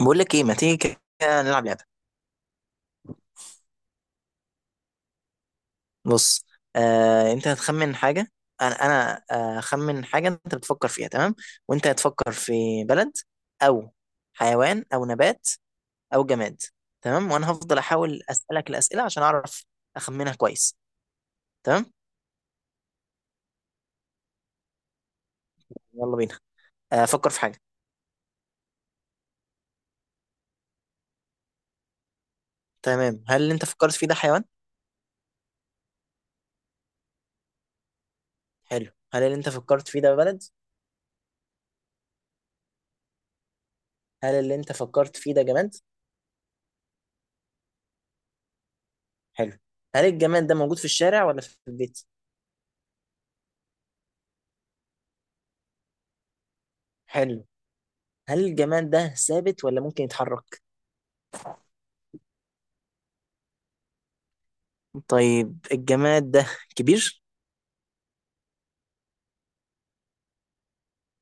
بقول لك ايه، ما تيجي كده نلعب لعبه. بص. انت هتخمن حاجه. انا هخمن حاجه انت بتفكر فيها. تمام، وانت هتفكر في بلد او حيوان او نبات او جماد. تمام، وانا هفضل احاول اسالك الاسئله عشان اعرف اخمنها كويس. تمام، يلا بينا. فكر في حاجه. تمام، هل اللي انت فكرت فيه ده حيوان؟ حلو، هل اللي انت فكرت فيه ده بلد؟ هل اللي انت فكرت فيه ده جماد؟ حلو، هل الجماد ده موجود في الشارع ولا في البيت؟ حلو، هل الجماد ده ثابت ولا ممكن يتحرك؟ طيب، الجماد ده كبير؟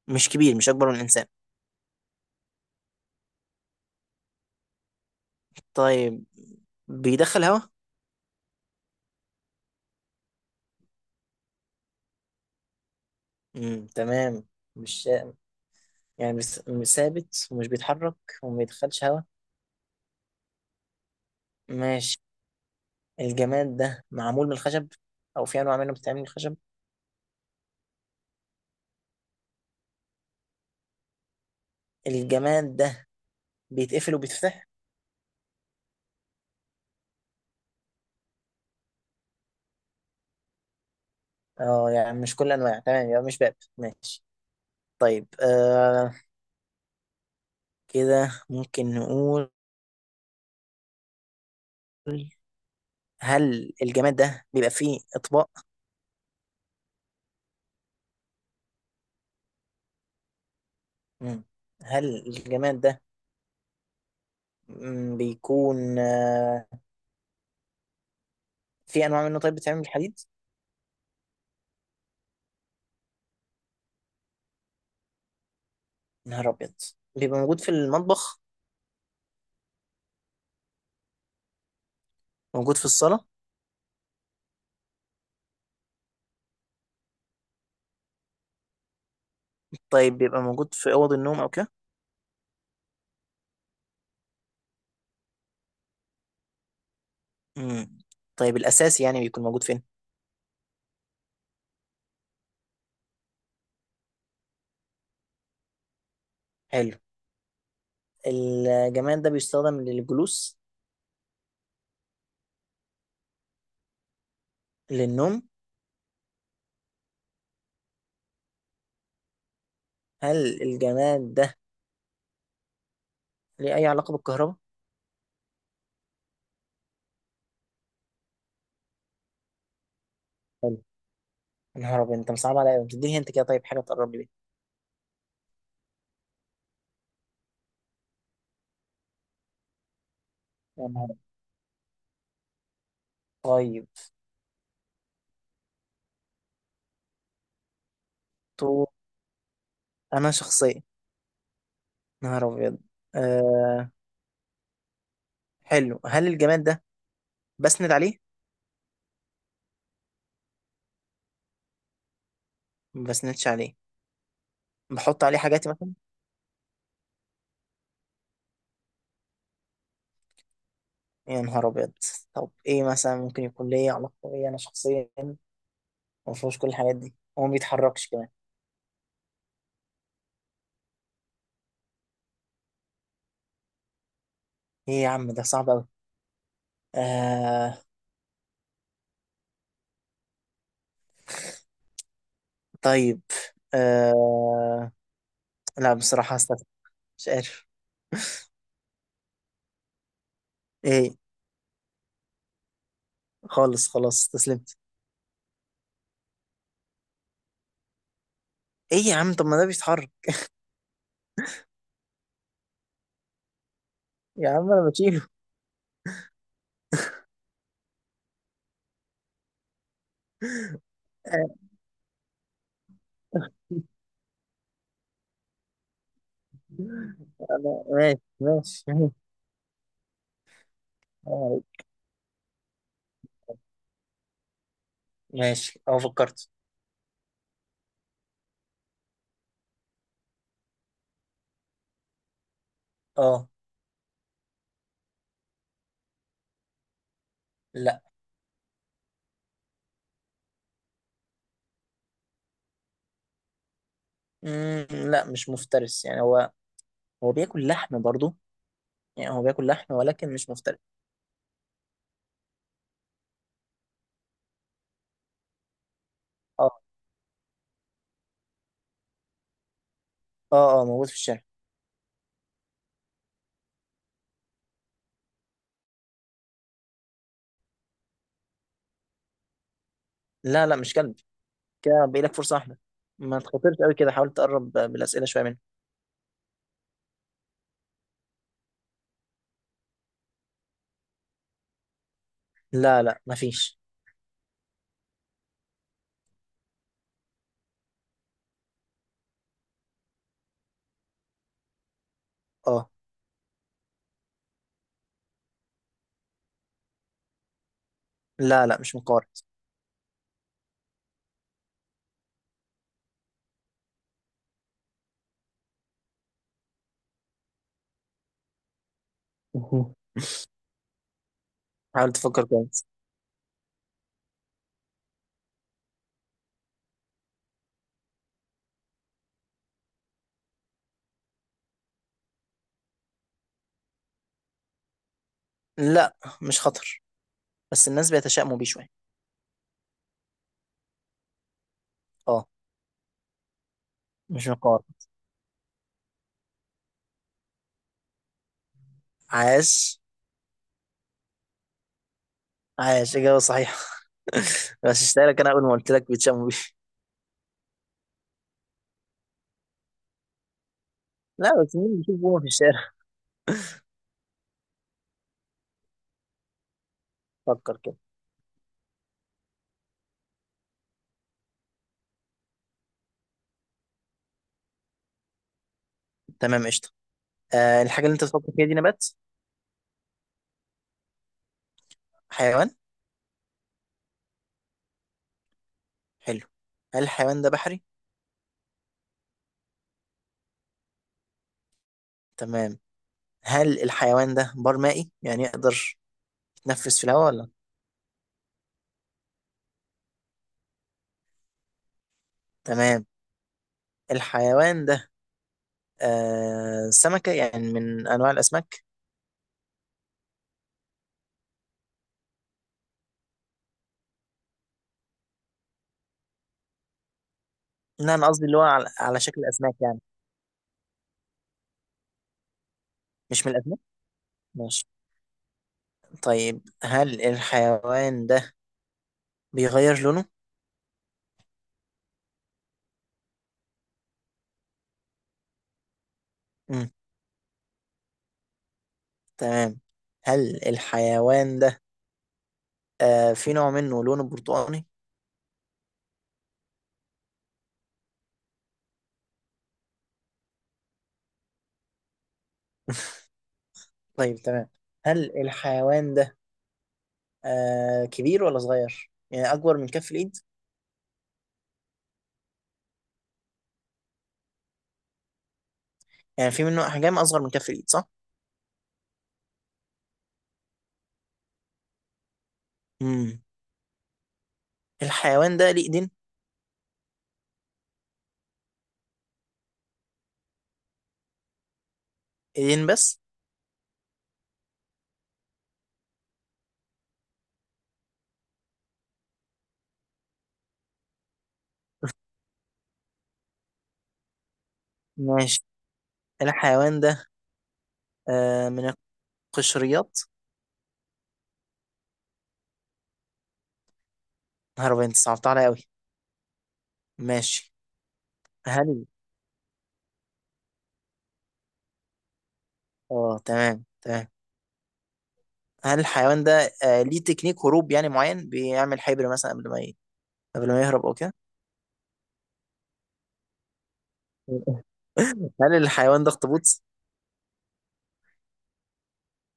مش كبير؟ مش اكبر من الانسان؟ طيب، بيدخل هواء؟ تمام. مش يعني بس- مش ثابت ومش بيتحرك وما بيدخلش هواء. ماشي، الجماد ده معمول من الخشب او في انواع منه بتتعمل من الخشب؟ الجماد ده بيتقفل وبيتفتح؟ اه، يعني مش كل انواع. تمام، يبقى مش باب. ماشي. طيب، كده ممكن نقول: هل الجماد ده بيبقى فيه اطباق؟ مم. هل الجماد ده بيكون، في انواع منه، طيب، بتعمل بالحديد؟ نهار ابيض. بيبقى موجود في المطبخ؟ موجود في الصاله؟ طيب بيبقى موجود في اوض النوم او كده؟ مم. طيب الاساسي يعني بيكون موجود فين؟ حلو. الجماد ده بيستخدم للجلوس؟ للنوم؟ هل الجماد ده ليه اي علاقه بالكهرباء؟ حلو. نهار ابيض، انت مصعب عليا أوي. بتديني انت كده، طيب حاجه تقرب لي بيها. يا نهار أبيض. طيب. تو انا شخصيا. نهار ابيض. أه حلو، هل الجماد ده بسند عليه؟ ما بسندش عليه. بحط عليه حاجاتي مثلا؟ يا نهار ابيض. طب ايه مثلا ممكن يكون ليا علاقه بيا انا شخصيا؟ ما فيهوش كل الحاجات دي، هو ما بيتحركش كمان. ايه يا عم ده صعب قوي. آه طيب، آه لا، بصراحه هستسلم. مش عارف ايه. خالص، خلاص استسلمت. ايه يا عم، طب ما ده بيتحرك. يا عم انا بشيله. آه، انا ماشي ماشي ماشي. آه، ماشي. اه فكرت. اه. لا. لا مش مفترس، يعني هو هو بياكل لحم برضو. يعني هو بياكل لحم ولكن مش مفترس. اه اه اه، موجود في الشارع. لا لا مش كلب. كده باقي لك فرصة واحدة. ما تخاطرش قوي كده، حاول تقرب بالأسئلة شوية منه. لا لا مفيش. اه. لا لا مش مقارب. مهم. حاول تفكر كويس. لا مش خطر، بس الناس بيتشائموا بيه شوية. اه مش مقارب. عاش. عاش، إجابة صحيحة. غششتها لك، أنا أول ما قلت لك بيتشائموا بيه. لا بس مين بيشوف بومة في الشارع. فكر كده. تمام، قشطة. الحاجة اللي أنت بتفكر فيها دي نبات؟ حيوان؟ حلو. هل الحيوان ده بحري؟ تمام. هل الحيوان ده بار مائي؟ يعني يقدر يتنفس في الهواء ولا؟ تمام. الحيوان ده سمكة، يعني من أنواع الأسماك؟ لا أنا قصدي اللي هو على شكل أسماك يعني. مش من الأسماك؟ ماشي. طيب هل الحيوان ده بيغير لونه؟ مم. تمام. هل الحيوان ده في نوع منه لونه برتقاني؟ طيب تمام. هل الحيوان ده كبير ولا صغير؟ يعني أكبر من كف الإيد؟ يعني في منه أحجام أصغر من كف الإيد صح؟ امم الحيوان ده ليه إيدين؟ إيدين بس؟ ماشي. الحيوان ده من القشريات؟ نهار أبيض، أنت صعبت عليا أوي. ماشي. هل آه تمام تمام. هل الحيوان ده ليه تكنيك هروب يعني معين، بيعمل حبر مثلا قبل ما يهرب أو كده؟ هل الحيوان ده أخطبوط؟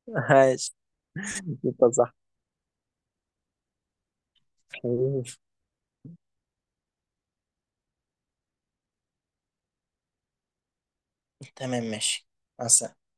ماشي. يبقى صح. تمام ماشي. مع السلامة.